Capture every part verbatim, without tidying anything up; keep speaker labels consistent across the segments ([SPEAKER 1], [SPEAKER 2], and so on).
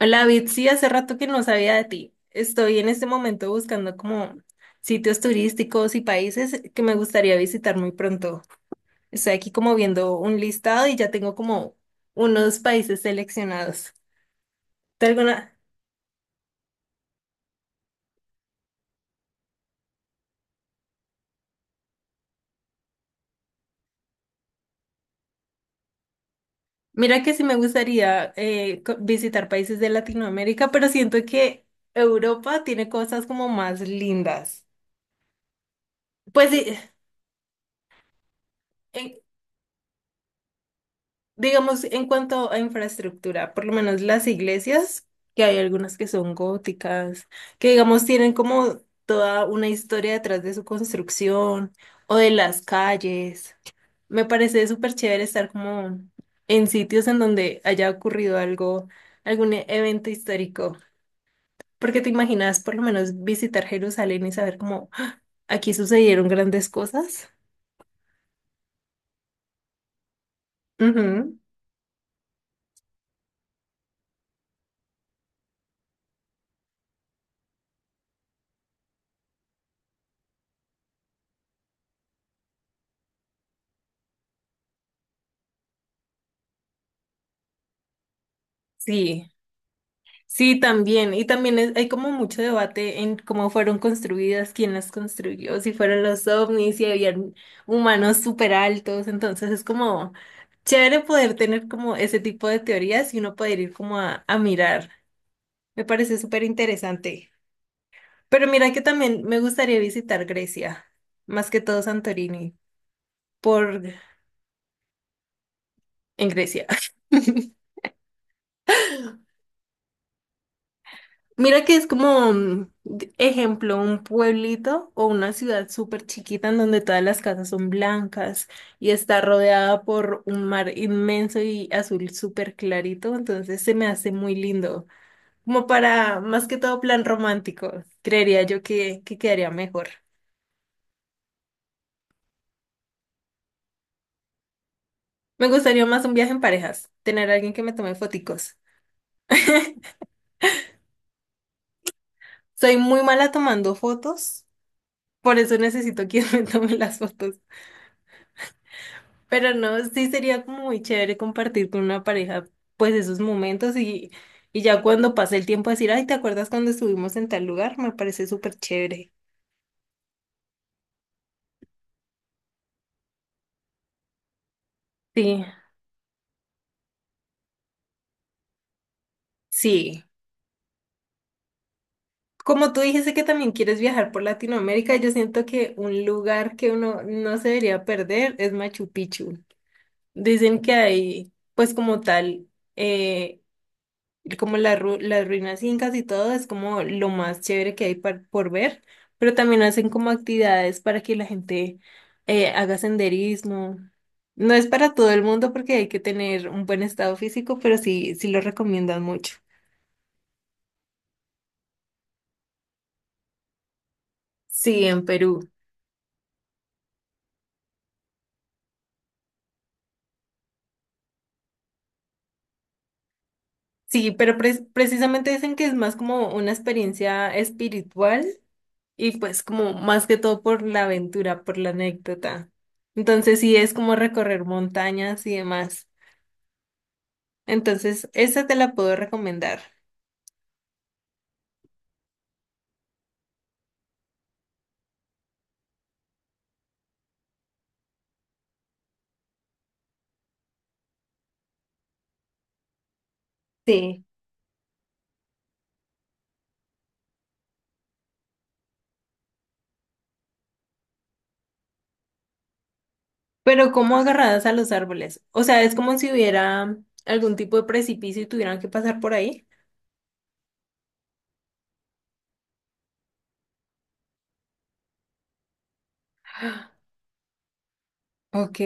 [SPEAKER 1] Hola, Bitsy, hace rato que no sabía de ti. Estoy en este momento buscando como sitios turísticos y países que me gustaría visitar muy pronto. Estoy aquí como viendo un listado y ya tengo como unos países seleccionados. ¿Te alguna? Mira que sí me gustaría eh, co- visitar países de Latinoamérica, pero siento que Europa tiene cosas como más lindas. Pues sí, digamos, en cuanto a infraestructura, por lo menos las iglesias, que hay algunas que son góticas, que digamos tienen como toda una historia detrás de su construcción o de las calles. Me parece súper chévere estar como en sitios en donde haya ocurrido algo, algún e- evento histórico, porque te imaginas por lo menos visitar Jerusalén y saber cómo ¡ah! Aquí sucedieron grandes cosas. Ujú, sí. Sí, también. Y también es- hay como mucho debate en cómo fueron construidas, quién las construyó, si fueron los ovnis, si habían humanos súper altos. Entonces es como chévere poder tener como ese tipo de teorías y uno poder ir como a, a mirar. Me parece súper interesante. Pero mira que también me gustaría visitar Grecia, más que todo Santorini, por en Grecia. Mira que es como, mm, d- ejemplo, un pueblito o una ciudad súper chiquita en donde todas las casas son blancas y está rodeada por un mar inmenso y azul súper clarito, entonces se me hace muy lindo, como para más que todo plan romántico, creería yo que, que quedaría mejor. Me gustaría más un viaje en parejas, tener a alguien que me tome foticos. Soy muy mala tomando fotos, por eso necesito quien me tome las fotos. Pero no, sí sería como muy chévere compartir con una pareja pues esos momentos y, y ya cuando pase el tiempo decir, ay, ¿te acuerdas cuando estuvimos en tal lugar? Me parece súper chévere. Sí, sí. Como tú dijiste que también quieres viajar por Latinoamérica, yo siento que un lugar que uno no se debería perder es Machu Picchu. Dicen que hay pues como tal, eh, como la ru- las ruinas incas y todo es como lo más chévere que hay, par- por ver, pero también hacen como actividades para que la gente eh, haga senderismo. No es para todo el mundo porque hay que tener un buen estado físico, pero sí, sí lo recomiendan mucho. Sí, en Perú. Sí, pero pre- precisamente dicen que es más como una experiencia espiritual y pues como más que todo por la aventura, por la anécdota. Entonces sí es como recorrer montañas y demás. Entonces, esa te la puedo recomendar. Sí. Pero como agarradas a los árboles. O sea, es como si hubiera algún tipo de precipicio y tuvieran que pasar por ahí. Ah, ok.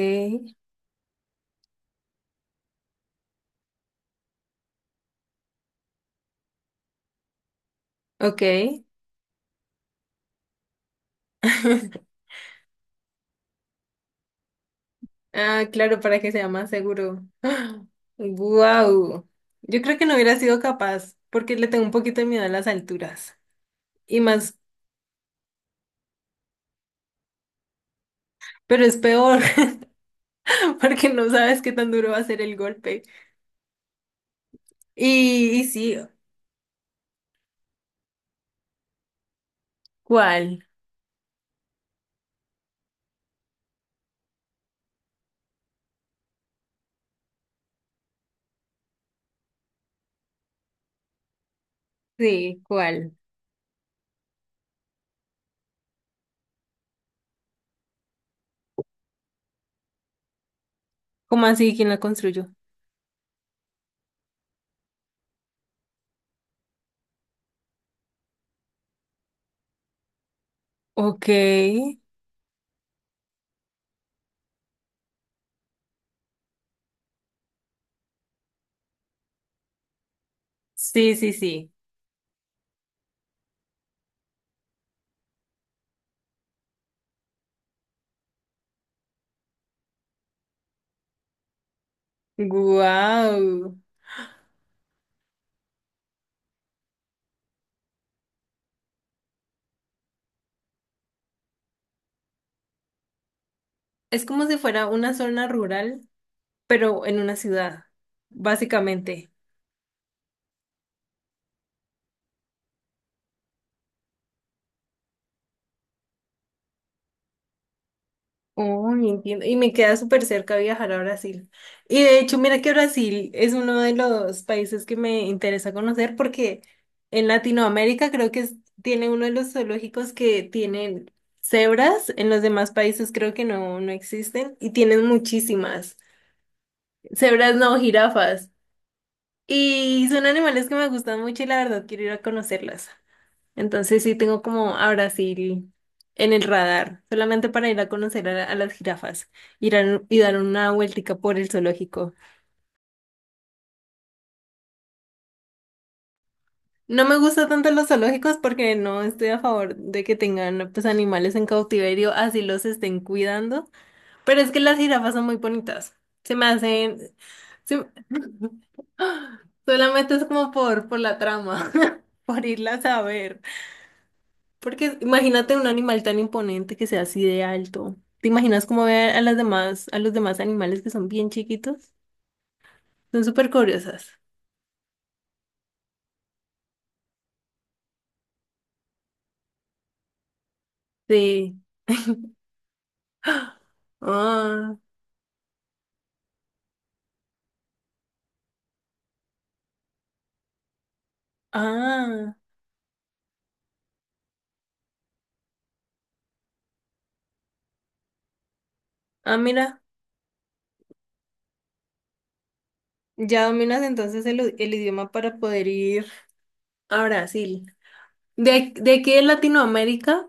[SPEAKER 1] Ok. Ah, claro, para que sea más seguro. Wow. Yo creo que no hubiera sido capaz porque le tengo un poquito de miedo a las alturas. Y más, pero es peor porque no sabes qué tan duro va a ser el golpe. Y, y sí, ¿cuál? Sí, ¿cuál? ¿Cómo así? ¿Quién la construyó? Ok. Sí, sí, sí. Guau. Es como si fuera una zona rural, pero en una ciudad, básicamente. Oh, entiendo. Y me queda súper cerca viajar a Brasil. Y de hecho, mira que Brasil es uno de los países que me interesa conocer porque en Latinoamérica creo que es- tiene uno de los zoológicos que tienen cebras. En los demás países creo que no, no existen, y tienen muchísimas. Cebras no, jirafas. Y son animales que me gustan mucho y la verdad quiero ir a conocerlas. Entonces sí tengo como a Brasil en el radar, solamente para ir a conocer a, la- a las jirafas, ir a- y dar una vueltica por el zoológico. No me gusta tanto los zoológicos porque no estoy a favor de que tengan pues animales en cautiverio, así los estén cuidando, pero es que las jirafas son muy bonitas. Se me hacen… se- Solamente es como por, por la trama, por irlas a ver. Porque imagínate un animal tan imponente que sea así de alto. ¿Te imaginas cómo ve a las demás, a los demás animales que son bien chiquitos? Son súper curiosas. Sí. Ah, ah, ah, mira. Ya dominas entonces el, u- el idioma para poder ir a Brasil. De, ac- de aquí de Latinoamérica,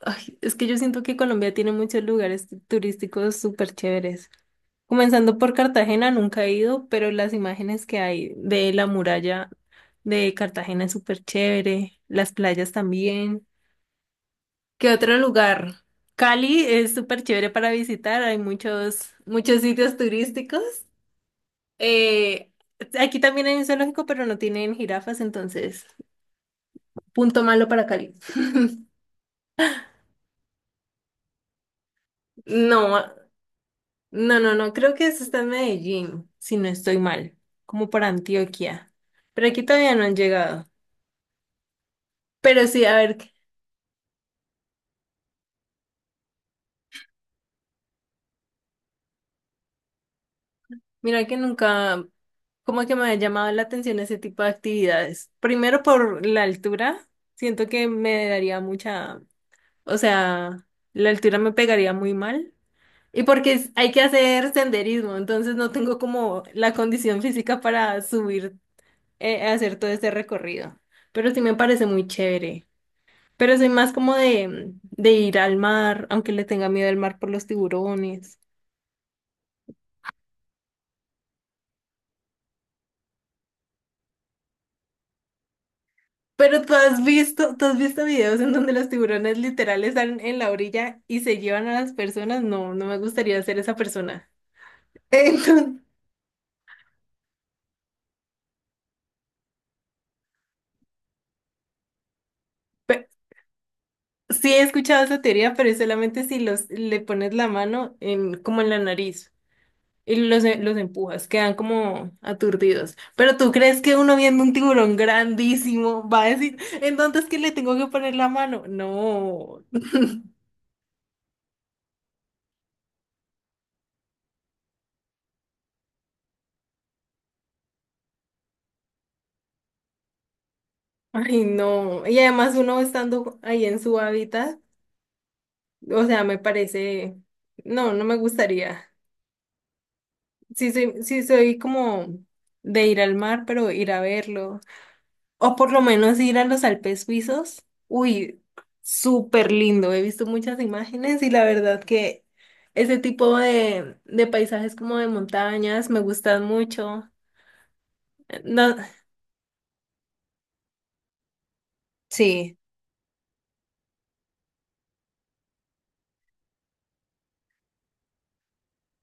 [SPEAKER 1] ay, es que yo siento que Colombia tiene muchos lugares turísticos súper chéveres. Comenzando por Cartagena, nunca he ido, pero las imágenes que hay de la muralla de Cartagena es súper chévere, las playas también. ¿Qué otro lugar? Cali es súper chévere para visitar, hay muchos, muchos sitios turísticos. Eh, aquí también hay un zoológico, pero no tienen jirafas, entonces, punto malo para Cali. No, no, no, no, creo que eso está en Medellín, si no estoy mal, como para Antioquia, pero aquí todavía no han llegado. Pero sí, a ver, mira que nunca, como que me ha llamado la atención ese tipo de actividades. Primero por la altura, siento que me daría mucha, o sea, la altura me pegaría muy mal. Y porque es- hay que hacer senderismo, entonces no tengo como la condición física para subir, eh, hacer todo ese recorrido. Pero sí me parece muy chévere. Pero soy más como de, de ir al mar, aunque le tenga miedo al mar por los tiburones. Pero tú has visto, tú has visto videos en donde los tiburones literal están en la orilla y se llevan a las personas. No, no me gustaría ser esa persona. Entonces, pe- sí he escuchado esa teoría, pero es solamente si los le pones la mano en, como en la nariz y los, e- los empujas, quedan como aturdidos. Pero tú crees que uno viendo un tiburón grandísimo va a decir, entonces que le tengo que poner la mano. No, ay no. Y además uno estando ahí en su hábitat. O sea, me parece, no, no me gustaría. Sí soy, sí soy como de ir al mar, pero ir a verlo. O por lo menos ir a los Alpes suizos. Uy, súper lindo. He visto muchas imágenes y la verdad que ese tipo de, de paisajes como de montañas me gustan mucho. No, sí,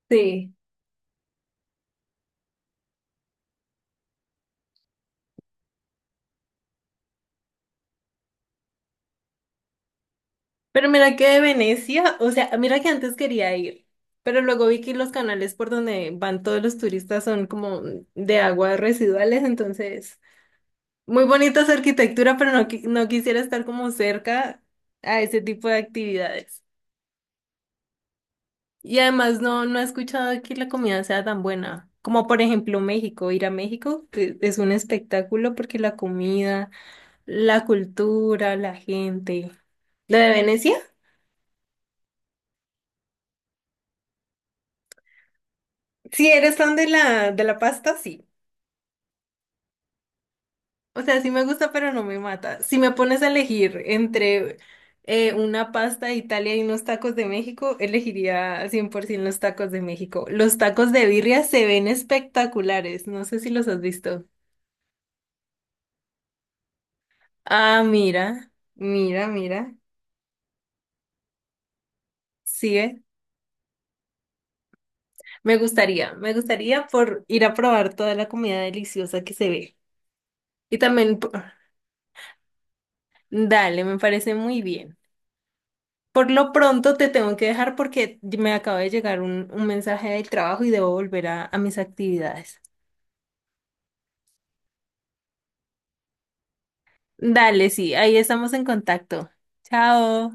[SPEAKER 1] sí. Pero mira que de Venecia, o sea, mira que antes quería ir, pero luego vi que los canales por donde van todos los turistas son como de aguas residuales, entonces muy bonita su arquitectura, pero no, qui- no quisiera estar como cerca a ese tipo de actividades. Y además no, no he escuchado que la comida sea tan buena, como por ejemplo México. Ir a México e- es un espectáculo porque la comida, la cultura, la gente. ¿La de Venecia? Si eres fan de la, de la pasta, sí. O sea, sí me gusta, pero no me mata. Si me pones a elegir entre eh, una pasta de Italia y unos tacos de México, elegiría cien por ciento los tacos de México. Los tacos de birria se ven espectaculares. No sé si los has visto. Ah, mira, mira, mira. Sigue. Me gustaría, me gustaría por ir a probar toda la comida deliciosa que se ve. Y también, por- dale, me parece muy bien. Por lo pronto te tengo que dejar porque me acaba de llegar un, un mensaje del trabajo y debo volver a, a mis actividades. Dale, sí, ahí estamos en contacto. Chao.